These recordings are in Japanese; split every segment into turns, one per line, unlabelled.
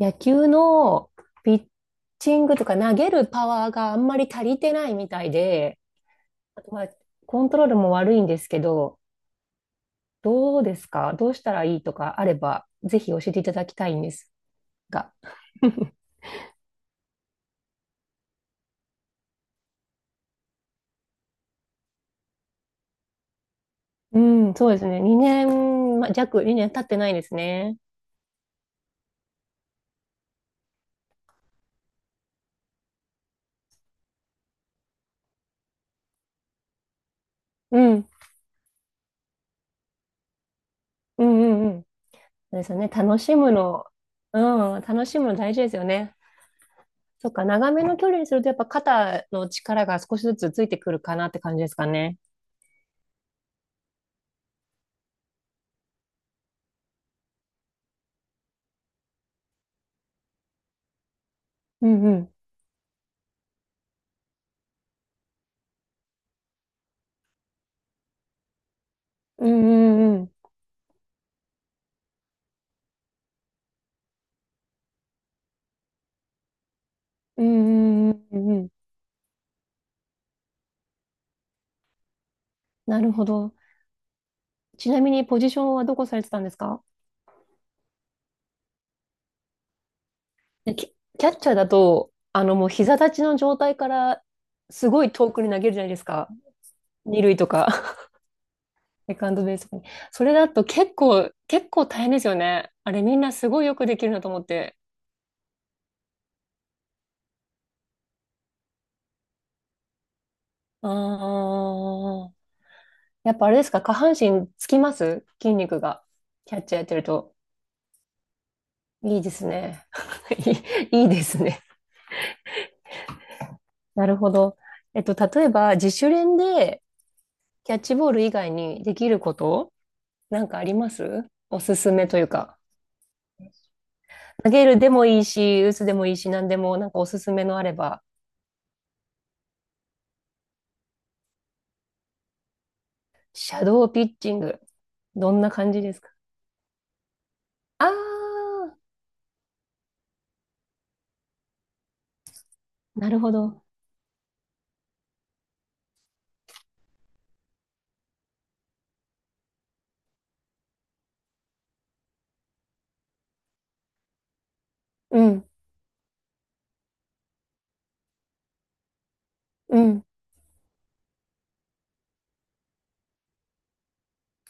野球のピッチングとか投げるパワーがあんまり足りてないみたいで、あとコントロールも悪いんですけど、どうですか？どうしたらいいとかあれば、ぜひ教えていただきたいんですが。うん、そうですね。2年、2年経ってないですね。うん、うん、うん、うん。そうですよね。楽しむの、うん、楽しむの大事ですよね。そっか、長めの距離にすると、やっぱ肩の力が少しずつついてくるかなって感じですかね。うんうんうんうん。うんうんうんうんうん。なるほど。ちなみにポジションはどこされてたんですか？キャッチャーだと、あのもう膝立ちの状態からすごい遠くに投げるじゃないですか。二塁とか、セカンドベースとかに。それだと結構大変ですよね。あれみんなすごいよくできるなと思って。ああ、やっぱあれですか、下半身つきます、筋肉が。キャッチャーやってると。いいですね。いいですね。なるほど。えっと、例えば、自主練でキャッチボール以外にできることなんかあります？おすすめというか。投げるでもいいし、打つでもいいし、何でも、なんかおすすめのあれば。シャドーピッチング。どんな感じですか？あー、なるほど。うん、うん。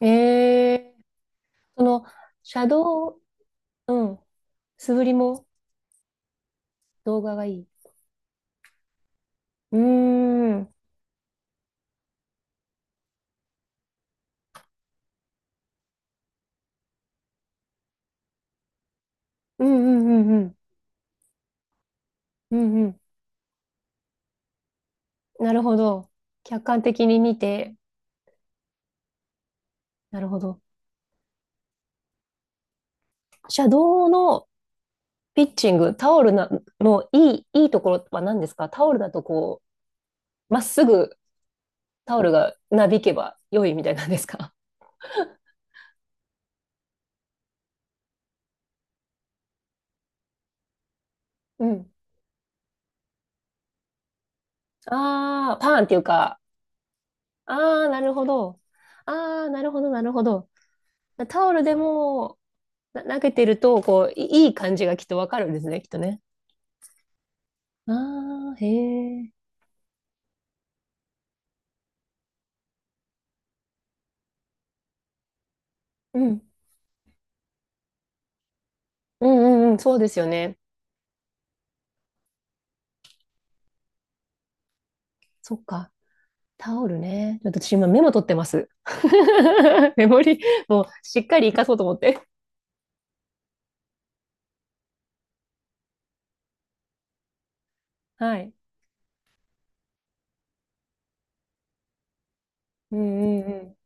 ええ、その、シャドー、うん、素振りも動画がいい。うーん、うんうんうんうん、うんうん。なるほど。客観的に見て、なるほど。シャドウのピッチング、タオルなのいいところは何ですか？タオルだとこう、まっすぐタオルがなびけば良いみたいなんですか？うん。ああ、パーンっていうか、ああ、なるほど。ああ、なるほど。タオルでもな投げてると、こう、いい感じがきっとわかるんですね、きっとね。ああ、へえ。うん。うんうんうん、そうですよね。そっか。タオルね。ちょっと私今メモ取ってます。メモリ、もうしっかり活かそうと思って。はい。うんうんうん。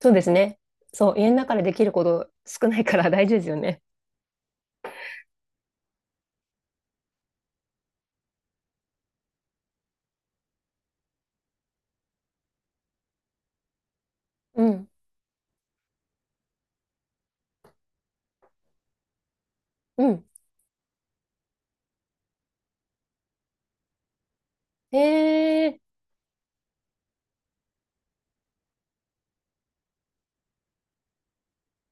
そうですね。そう、家の中でできること少ないから、 大事ですよね。うん。うん。ええ、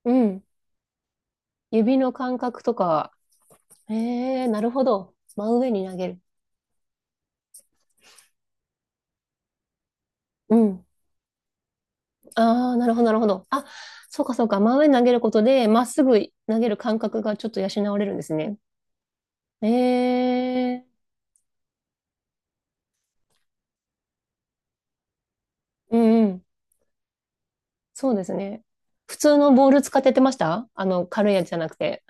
うん。指の感覚とか、ええ、なるほど。真上に投げる。うん。ああ、なるほど。あ、そうか。真上に投げることで、まっすぐ投げる感覚がちょっと養われるんですね。ええ、うん、そうですね。普通のボール使ってやってました？あの、軽いやつじゃなくて。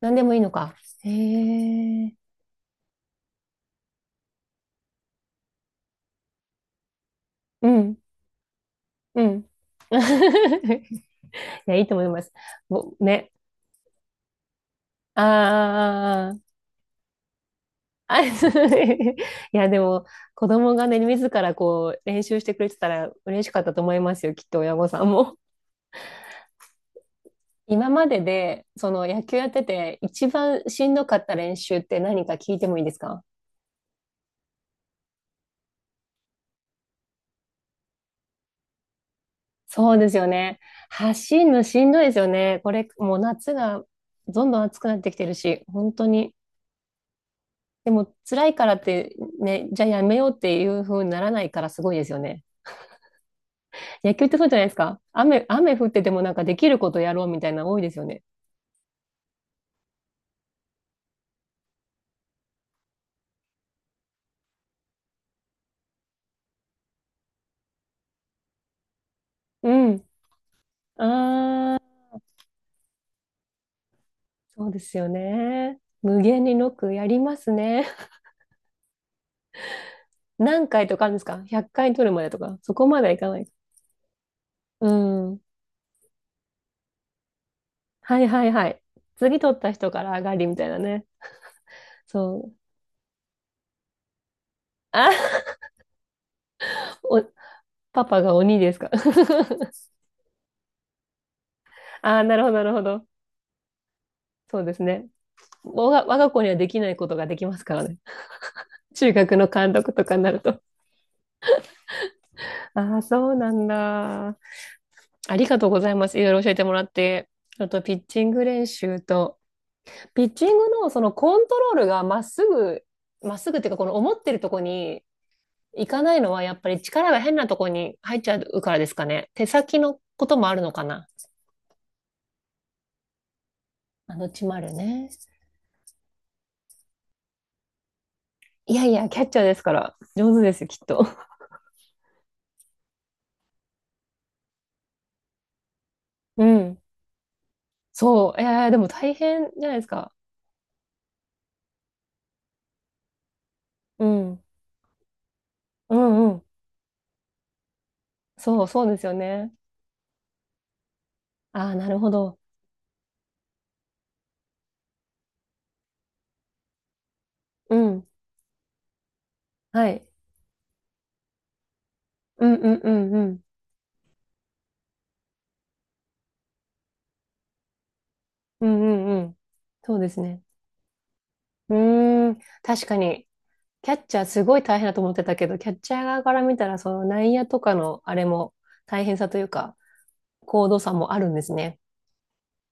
何でもいいのか。へえ。うん。うん。いや、いいと思います。ぼね。あー、あ。いや、でも、子供がね、自らこう、練習してくれてたら嬉しかったと思いますよ。きっと親御さんも。今までで、その野球やってて、一番しんどかった練習って何か聞いてもいいですか？そうですよね。走るのしんどいですよね。これ、もう夏がどんどん暑くなってきてるし、本当に。でも、辛いからって、ね、じゃあやめようっていう風にならないからすごいですよね。野球ってそうじゃないですか。雨降っててもなんかできることやろうみたいなの多いですよね。うん。ああ、そうですよね。無限にノックやりますね。何回とかあるんですか？ 100 回取るまでとか。そこまではいかない。うん。はいはいはい。次取った人から上がりみたいなね。そう、あ、お、パパが鬼ですか？ああ、なるほど。そうですね。我が子にはできないことができますからね。中学の監督とかになると。ああ、そうなんだ。ありがとうございます。いろいろ教えてもらって。あと、ピッチング練習と、ピッチングのそのコントロールがまっすぐ、まっすぐっていうか、この思ってるとこに行かないのは、やっぱり力が変なとこに入っちゃうからですかね。手先のこともあるのかな。あのちまるね。いやいや、キャッチャーですから、上手ですよ、きっと。うん。そう、えー、でも大変じゃないですか。うん。うんうん。そう、そうですよね。ああ、なるほど。うん。はい。うんうんうんうん。うんうんうん、そうですね。うん。うーん。確かに、キャッチャーすごい大変だと思ってたけど、キャッチャー側から見たら、その内野とかのあれも大変さというか、高度差もあるんですね。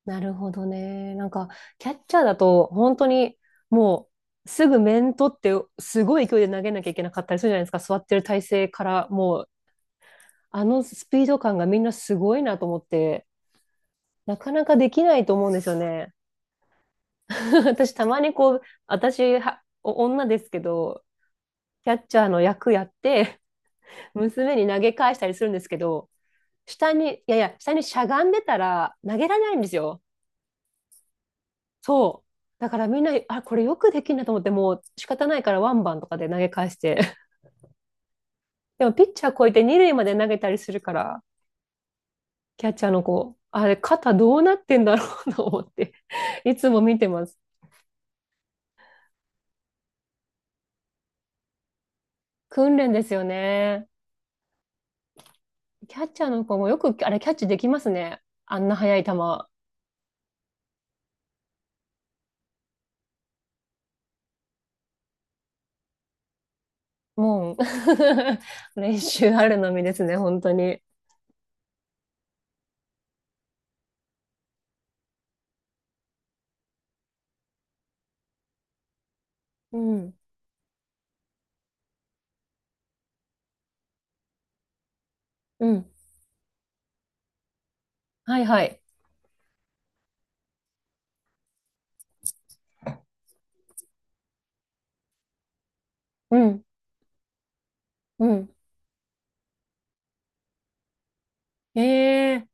なるほどね。なんか、キャッチャーだと、本当に、もう、すぐ面取って、すごい勢いで投げなきゃいけなかったりするじゃないですか。座ってる体勢から、もう、あのスピード感がみんなすごいなと思って、なかなかできないと思うんですよね。私、たまにこう、お女ですけど、キャッチャーの役やって、娘に投げ返したりするんですけど、いやいや、下にしゃがんでたら投げられないんですよ。そう。だからみんな、あ、これよくできんなと思って、もう仕方ないからワンバンとかで投げ返して。でもピッチャー超えて二塁まで投げたりするから、キャッチャーの子、あれ、肩どうなってんだろう と思っていつも見てます。訓練ですよね。キャッチャーの子もよく、あれ、キャッチできますね。あんな速い球。もう 練習あるのみですね、本当に。うん、うん。はいはい。うん、うん。え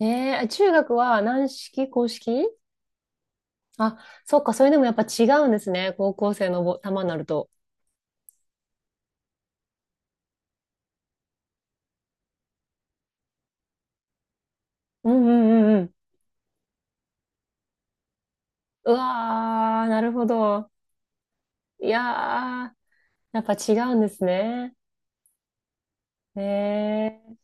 えー、中学は軟式、硬式？あ、そっか、それでもやっぱ違うんですね。高校生のぼ球になると。うんうんうんうん。うわー、なるほど。いやー、やっぱ違うんですね。へえ。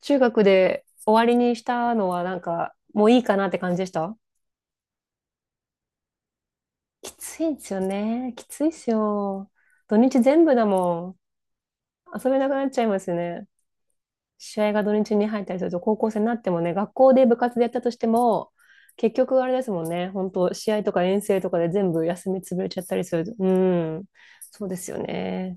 中学で終わりにしたのはなんか、もういいかなって感じでした？きついんですよね。きついっすよ。土日全部だもん。遊べなくなっちゃいますよね。試合が土日に入ったりすると、高校生になってもね、学校で部活でやったとしても、結局あれですもんね、本当試合とか遠征とかで全部休み潰れちゃったりする、うん、そうですよね。